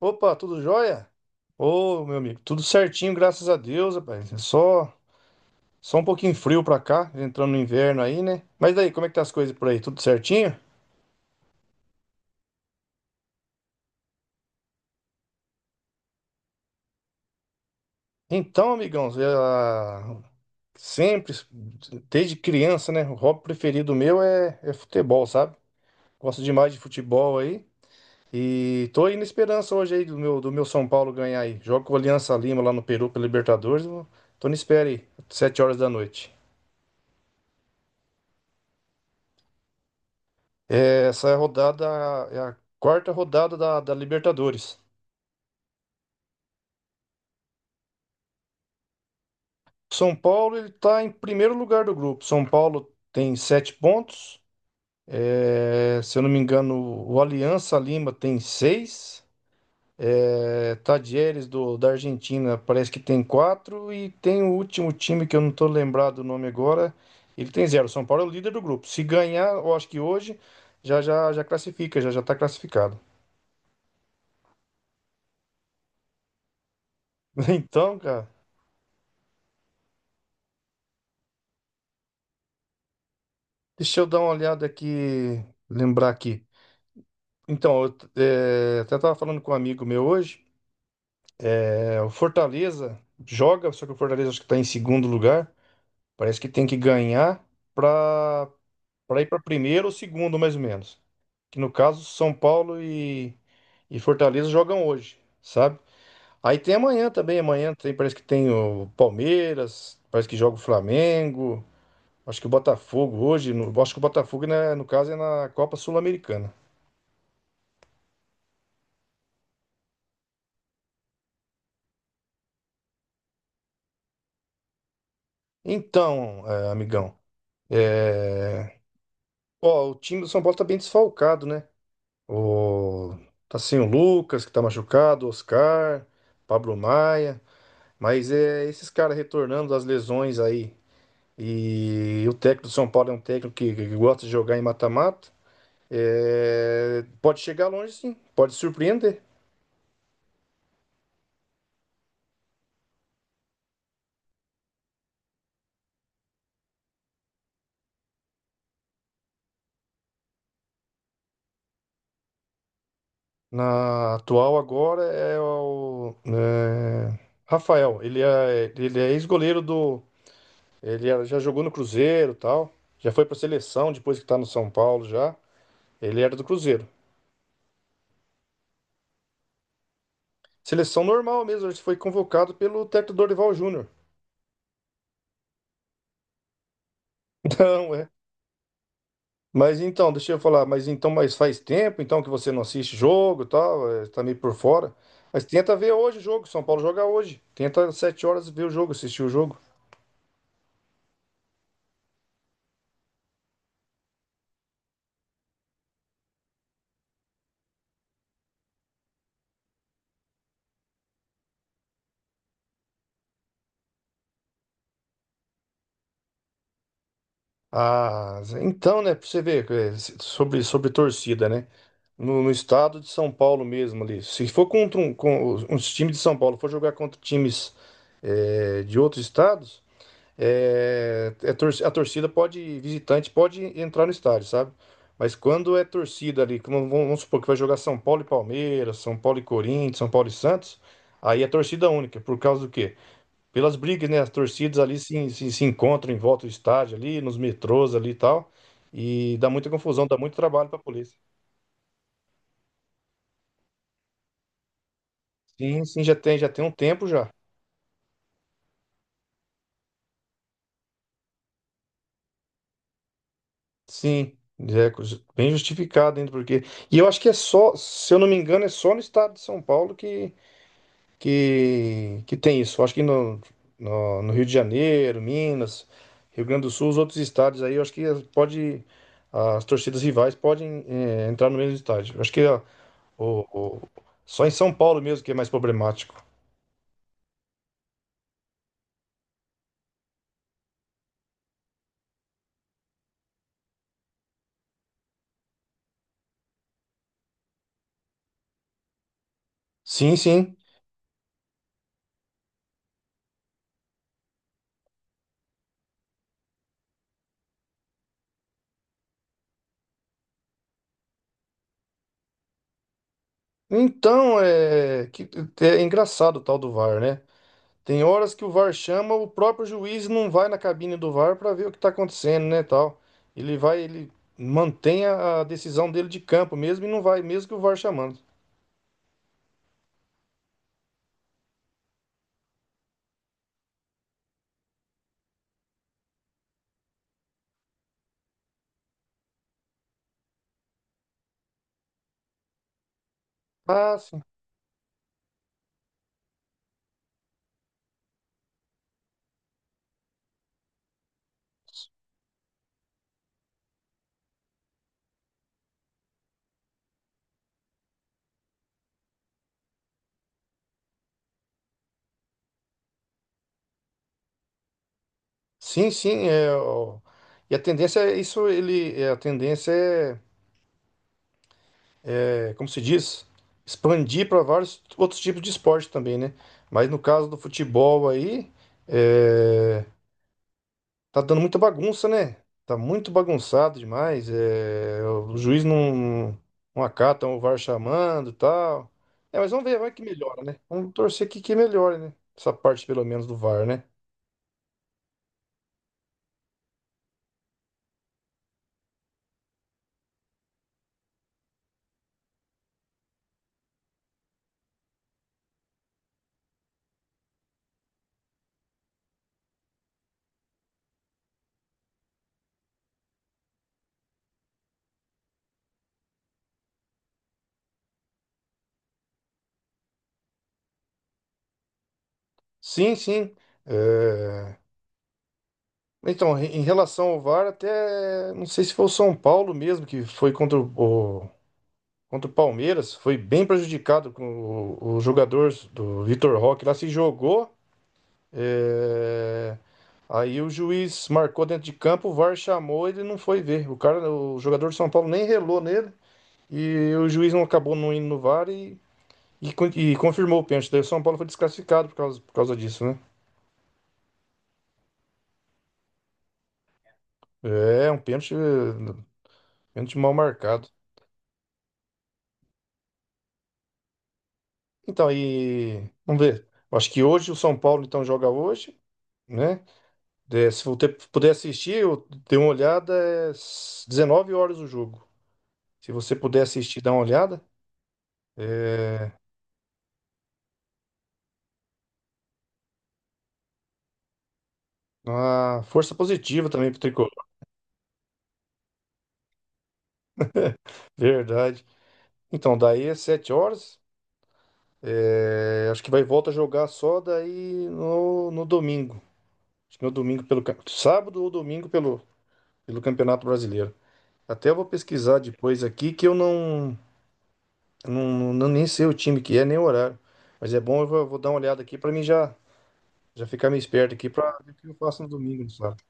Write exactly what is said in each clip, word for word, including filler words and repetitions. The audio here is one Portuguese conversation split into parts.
Opa, tudo jóia? Ô, meu amigo, tudo certinho, graças a Deus, rapaz. É Só, só um pouquinho frio pra cá, entrando no inverno aí, né? Mas daí, como é que tá as coisas por aí? Tudo certinho? Então, amigão, eu, ah, sempre, desde criança, né? O hobby preferido meu é, é futebol, sabe? Gosto demais de futebol aí. E tô aí na esperança hoje aí do meu, do meu São Paulo ganhar aí. Jogo com o Aliança Lima lá no Peru pela Libertadores. Eu Tô na espera aí, sete horas da noite. É, essa rodada é a quarta rodada da, da Libertadores. São Paulo ele está em primeiro lugar do grupo. São Paulo tem sete pontos. É, se eu não me engano, o Aliança Lima tem seis. É, Tadieres do, da Argentina parece que tem quatro. E tem o último time que eu não estou lembrado o nome agora. Ele tem zero. São Paulo é o líder do grupo. Se ganhar, eu acho que hoje já já, já classifica, já já está classificado. Então, cara. Deixa eu dar uma olhada aqui, lembrar aqui. Então, eu é, até estava falando com um amigo meu hoje. É, o Fortaleza joga, só que o Fortaleza acho que está em segundo lugar. Parece que tem que ganhar para para ir para primeiro ou segundo, mais ou menos. Que no caso, São Paulo e, e Fortaleza jogam hoje, sabe? Aí tem amanhã também. Amanhã tem, parece que tem o Palmeiras, parece que joga o Flamengo. Acho que o Botafogo hoje. No- acho que o Botafogo, né, no caso, é na Copa Sul-Americana. Então, eh, amigão, eh, ó, o time do São Paulo tá bem desfalcado, né? O... Tá sem o Lucas, que tá machucado, Oscar, Pablo Maia, mas é esses caras retornando das lesões aí. E o técnico do São Paulo é um técnico que, que gosta de jogar em mata-mata. eh, Pode chegar longe, sim, pode surpreender. Na atual agora é o eh, Rafael, ele é, ele é ex-goleiro do. Ele era- já jogou no Cruzeiro, tal. Já foi pra seleção depois que tá no São Paulo já. Ele era do Cruzeiro. Seleção normal mesmo, ele foi convocado pelo técnico Dorival Júnior. Então, é. Mas então, deixa eu falar, mas então, mas faz tempo então que você não assiste jogo, e tal, é, tá meio por fora. Mas tenta ver hoje o jogo, São Paulo joga hoje. Tenta às sete horas ver o jogo, assistir o jogo. Ah, então, né, pra você ver, é, se- sobre, sobre torcida, né? No, no estado de São Paulo mesmo ali. Se for contra um, com, os os times de São Paulo, for jogar contra times é, de outros estados, é, é tor- a torcida pode, visitante pode entrar no estádio, sabe? Mas quando é torcida ali, como vamos vamos supor que vai jogar São Paulo e Palmeiras, São Paulo e Corinthians, São Paulo e Santos, aí é torcida única. Por causa do quê? Pelas brigas, né? As torcidas ali se, se, se encontram em volta do estádio ali, nos metrôs ali e tal. E dá muita confusão, dá muito trabalho pra polícia. Sim, sim, já tem, já tem um tempo já. Sim, é co- bem justificado ainda, porque. E eu acho que é só, se eu não me engano, é só no estado de São Paulo que, que, que tem isso. Eu acho que no, no, no Rio de Janeiro, Minas, Rio Grande do Sul, os outros estados aí, eu acho que pode. As torcidas rivais podem, eh, entrar no mesmo estádio. Eu acho que ó, O- o- só em São Paulo mesmo que é mais problemático. Sim, sim. Então, é, que, é engraçado o tal do VAR, né? Tem horas que o VAR chama, o próprio juiz não vai na cabine do VAR para ver o que tá acontecendo, né, tal. Ele vai, ele mantém a, a decisão dele de campo mesmo e não vai, mesmo que o VAR chamando. Ah, sim. Sim, sim, é, ó, e a tendência é isso, ele, é, a tendência é é, como se diz, expandir para vários outros tipos de esporte também, né? Mas no caso do futebol aí, é, tá dando muita bagunça, né? Tá muito bagunçado demais. É, o juiz não, não acata o VAR chamando e tal. É, mas vamos ver, vai que melhora, né? Vamos torcer que, que melhore, né? Essa parte, pelo menos, do VAR, né? Sim, sim. é, Então, em relação ao VAR, até não sei se foi o São Paulo mesmo que foi contra o, contra o Palmeiras, foi bem prejudicado com o, o jogador do Vitor Roque lá se jogou. é, Aí o juiz marcou dentro de campo, o VAR chamou, ele não foi ver. O cara, o jogador de São Paulo nem relou nele e o juiz não acabou não indo no VAR e, e, e confirmou o pênalti. Daí o São Paulo foi desclassificado por causa, por causa disso, né? É, um pênalti, eh, pênalti mal marcado. Então, aí vamos ver. Acho que hoje o São Paulo então joga hoje, né? É, se você puder assistir, eu dei uma olhada, é s- dezenove horas o jogo. Se você puder assistir, dá uma olhada. É uma força positiva também pro Tricolor. Verdade. Então, daí é sete horas. É, acho que vai volta a jogar só daí no, no domingo. Acho que no domingo pelo cam- sábado ou domingo pelo, pelo Campeonato Brasileiro. Até eu vou pesquisar depois aqui que eu não, não, não nem sei o time que é, nem o horário. Mas é bom, eu vou, vou dar uma olhada aqui para mim já já ficar meio esperto aqui pra ver o que eu faço no domingo, no sábado.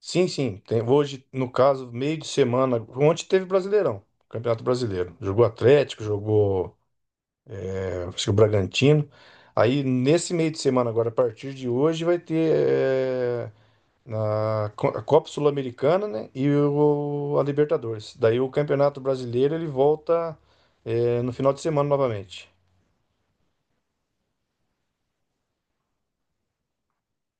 Sim, sim. Tem, hoje, no caso, meio de semana. Ontem teve Brasileirão, Campeonato Brasileiro. Jogou Atlético, jogou, é, acho que o Bragantino. Aí, nesse meio de semana, agora, a partir de hoje, vai ter é, na Co- a Copa Sul-Americana, né? E o, a Libertadores. Daí, o Campeonato Brasileiro ele volta é, no final de semana novamente.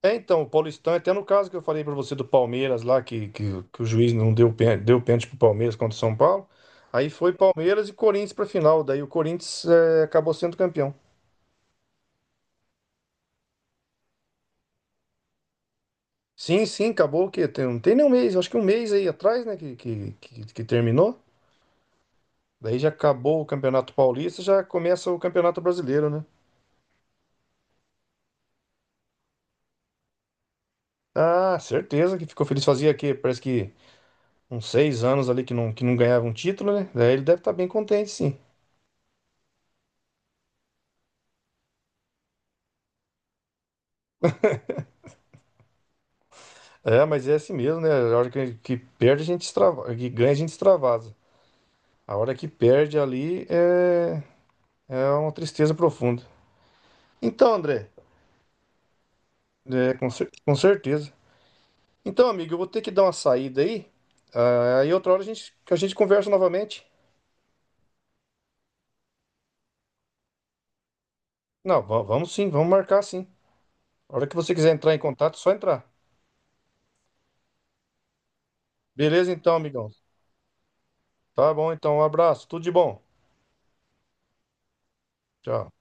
É, então, o Paulistão, até no caso que eu falei pra você do Palmeiras lá, que, que, que o juiz não deu, pên- deu pênalti pro Palmeiras contra o São Paulo, aí foi Palmeiras e Corinthians pra final, daí o Corinthians é, acabou sendo campeão. Sim, sim, acabou o quê? Tem, não tem nem um mês, acho que um mês aí atrás, né, que, que, que, que terminou. Daí já acabou o Campeonato Paulista, já começa o Campeonato Brasileiro, né? Ah, certeza que ficou feliz. Fazia que parece que uns seis anos ali que não, que não ganhava um título, né? Daí ele deve estar bem contente, sim. É, mas é assim mesmo, né? A hora que, que perde, a gente extravasa. Que ganha, a gente extravasa. A hora que perde ali é, é uma tristeza profunda. Então, André, é, com, cer- com certeza. Então, amigo, eu vou ter que dar uma saída aí. Ah, aí outra hora a gente, que a gente conversa novamente. Não, va- vamos sim, vamos marcar sim. A hora que você quiser entrar em contato, é só entrar. Beleza, então, amigão. Tá bom, então, um abraço, tudo de bom. Tchau.